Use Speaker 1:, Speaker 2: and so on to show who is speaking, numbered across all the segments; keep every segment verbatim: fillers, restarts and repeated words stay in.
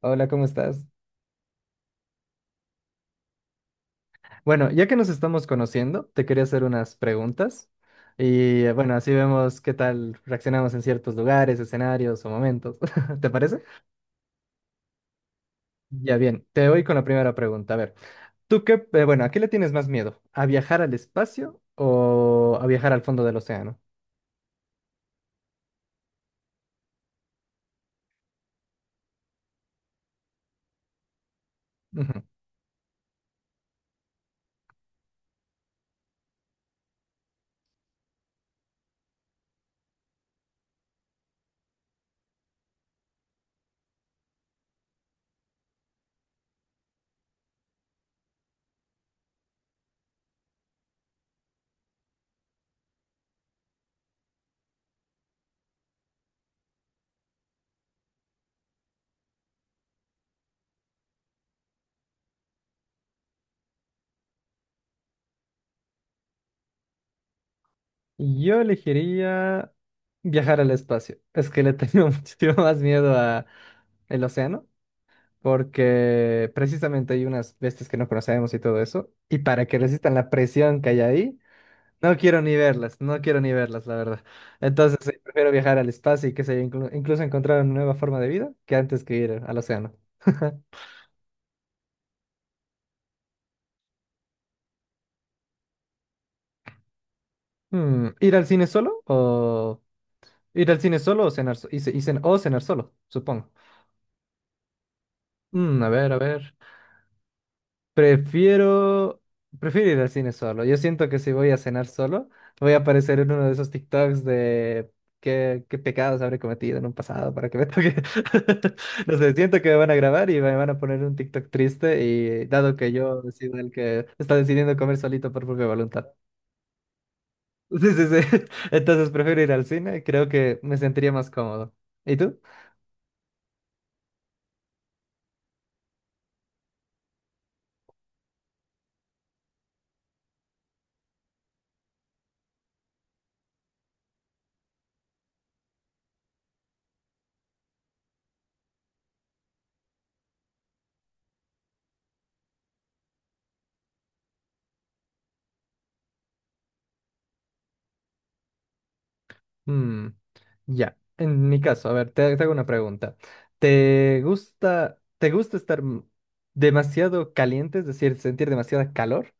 Speaker 1: Hola, ¿cómo estás? Bueno, ya que nos estamos conociendo, te quería hacer unas preguntas y eh, bueno, así vemos qué tal reaccionamos en ciertos lugares, escenarios o momentos. ¿Te parece? Ya bien, te voy con la primera pregunta. A ver, ¿tú qué, eh, bueno, a qué le tienes más miedo? ¿A viajar al espacio o a viajar al fondo del océano? Ujú. Yo elegiría viajar al espacio. Es que le tengo muchísimo más miedo a el océano, porque precisamente hay unas bestias que no conocemos y todo eso, y para que resistan la presión que hay ahí, no quiero ni verlas, no quiero ni verlas, la verdad. Entonces, sí, prefiero viajar al espacio y que se incluso encontrar una nueva forma de vida que antes que ir al océano. Hmm, ¿ir al cine solo o ¿ir al cine solo o cenar, so- y ce- y cen- o cenar solo, supongo? Mm, a ver, a ver. Prefiero, Prefiero ir al cine solo. Yo siento que si voy a cenar solo, voy a aparecer en uno de esos TikToks de qué, qué pecados habré cometido en un pasado para que me toque. No sé, siento que me van a grabar y me van a poner un TikTok triste y dado que yo sido el que está decidiendo comer solito por propia voluntad. Sí, sí, sí. Entonces prefiero ir al cine, creo que me sentiría más cómodo. ¿Y tú? Mm, ya, en mi caso, a ver, te, te hago una pregunta. ¿Te gusta, te gusta estar m- demasiado caliente, es decir, sentir demasiada calor,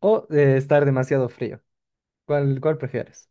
Speaker 1: o eh, estar demasiado frío? ¿Cuál, ¿cuál prefieres?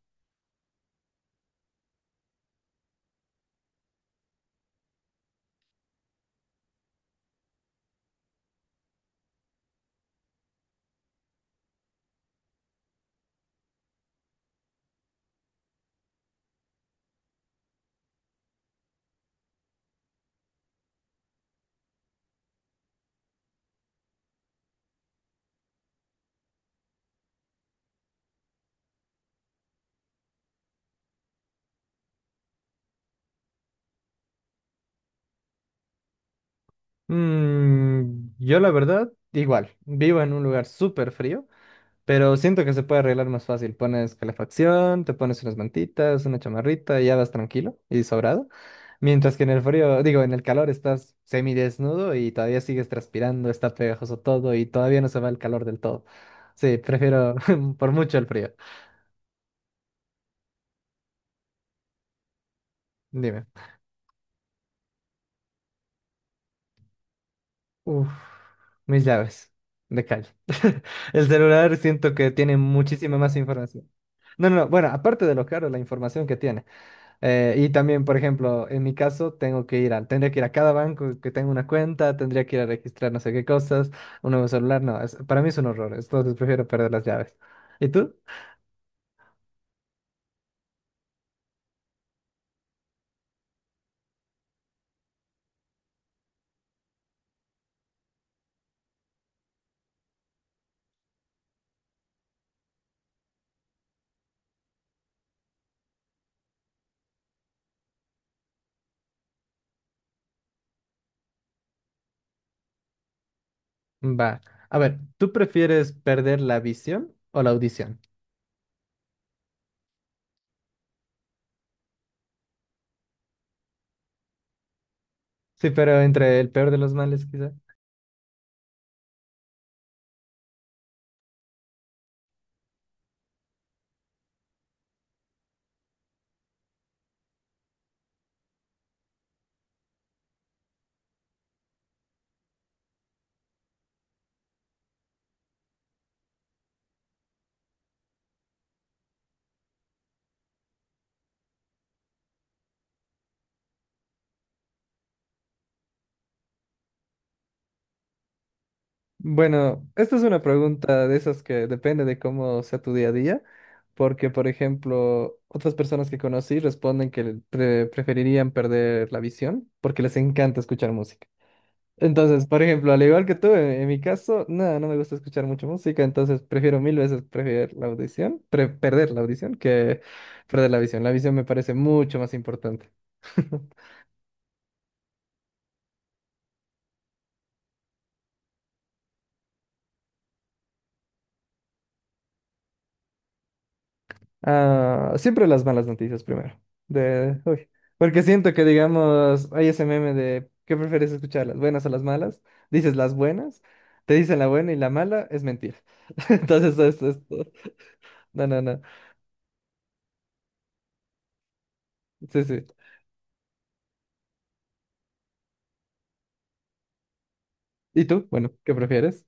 Speaker 1: Mm, yo la verdad, igual, vivo en un lugar súper frío, pero siento que se puede arreglar más fácil. Pones calefacción, te pones unas mantitas, una chamarrita y ya vas tranquilo y sobrado. Mientras que en el frío, digo, en el calor estás semidesnudo y todavía sigues transpirando, está pegajoso todo y todavía no se va el calor del todo. Sí, prefiero por mucho el frío. Dime. Uf, mis llaves de calle. El celular siento que tiene muchísima más información. No, no, no. Bueno, aparte de lo caro, la información que tiene. Eh, y también, por ejemplo, en mi caso, tengo que ir a, tendría que ir a cada banco que tenga una cuenta, tendría que ir a registrar no sé qué cosas, un nuevo celular, no, es- para mí es un horror, entonces prefiero perder las llaves. ¿Y tú? Va. A ver, ¿tú prefieres perder la visión o la audición? Sí, pero entre el peor de los males, quizá. Bueno, esta es una pregunta de esas que depende de cómo sea tu día a día, porque, por ejemplo, otras personas que conocí responden que pre- preferirían perder la visión porque les encanta escuchar música. Entonces, por ejemplo, al igual que tú, en, en mi caso, nada, no me gusta escuchar mucho música, entonces prefiero mil veces preferir la audición, pre- perder la audición que perder la visión. La visión me parece mucho más importante. Ah, siempre las malas noticias primero. De, uy, porque siento que, digamos, hay ese meme de ¿qué prefieres escuchar? ¿Las buenas o las malas? Dices las buenas, te dicen la buena y la mala es mentira. Entonces, es, es- no, no, no. Sí, sí. ¿Y tú? Bueno, ¿qué prefieres?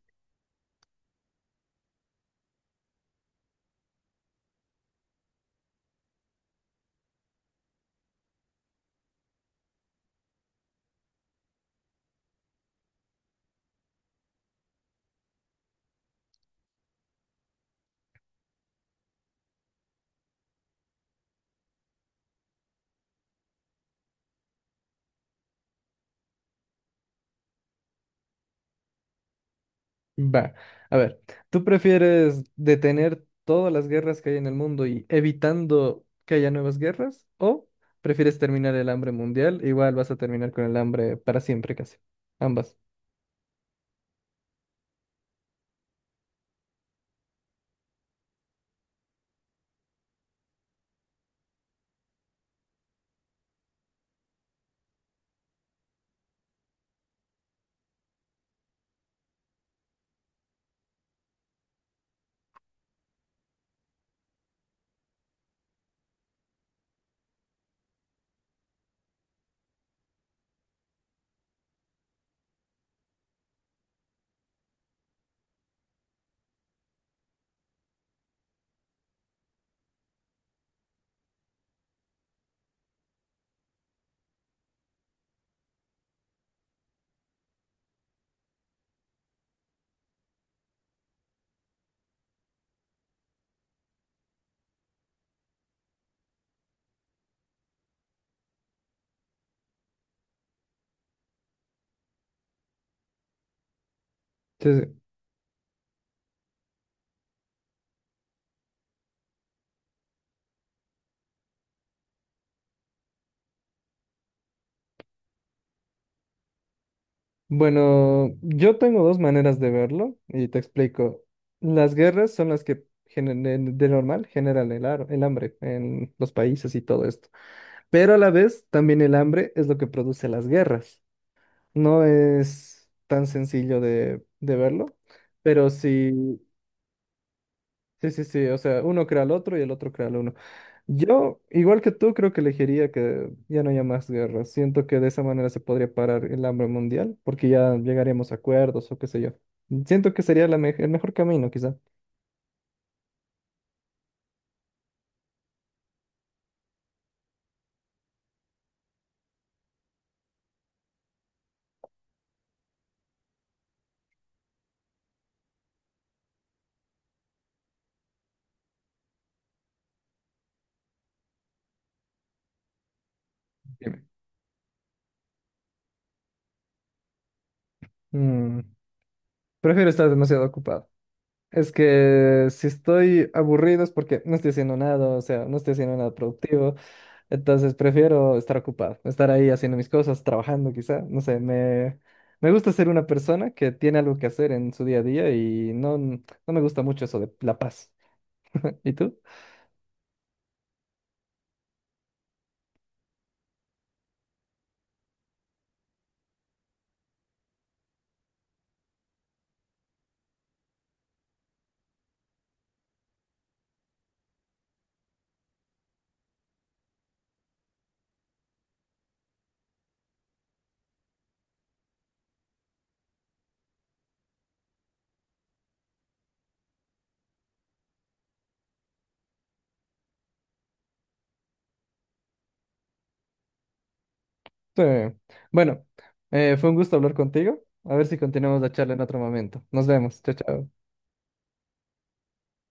Speaker 1: Va, a ver, ¿tú prefieres detener todas las guerras que hay en el mundo y evitando que haya nuevas guerras? ¿O prefieres terminar el hambre mundial? Igual vas a terminar con el hambre para siempre casi. Ambas. Sí, sí. Bueno, yo tengo dos maneras de verlo y te explico. Las guerras son las que gener- de normal generan el, ar- el hambre en los países y todo esto. Pero a la vez, también el hambre es lo que produce las guerras. No es tan sencillo de, de verlo, pero sí, sí, sí, sí, o sea, uno crea al otro y el otro crea al uno. Yo, igual que tú, creo que elegiría que ya no haya más guerras. Siento que de esa manera se podría parar el hambre mundial, porque ya llegaríamos a acuerdos o qué sé yo. Siento que sería la me- el mejor camino, quizá. Dime. Mm, prefiero estar demasiado ocupado. Es que si estoy aburrido es porque no estoy haciendo nada, o sea, no estoy haciendo nada productivo. Entonces prefiero estar ocupado, estar ahí haciendo mis cosas, trabajando quizá, no sé, me, me gusta ser una persona que tiene algo que hacer en su día a día y no, no me gusta mucho eso de la paz. ¿Y tú? Sí. Bueno, eh, fue un gusto hablar contigo. A ver si continuamos la charla en otro momento. Nos vemos. Chao, chao.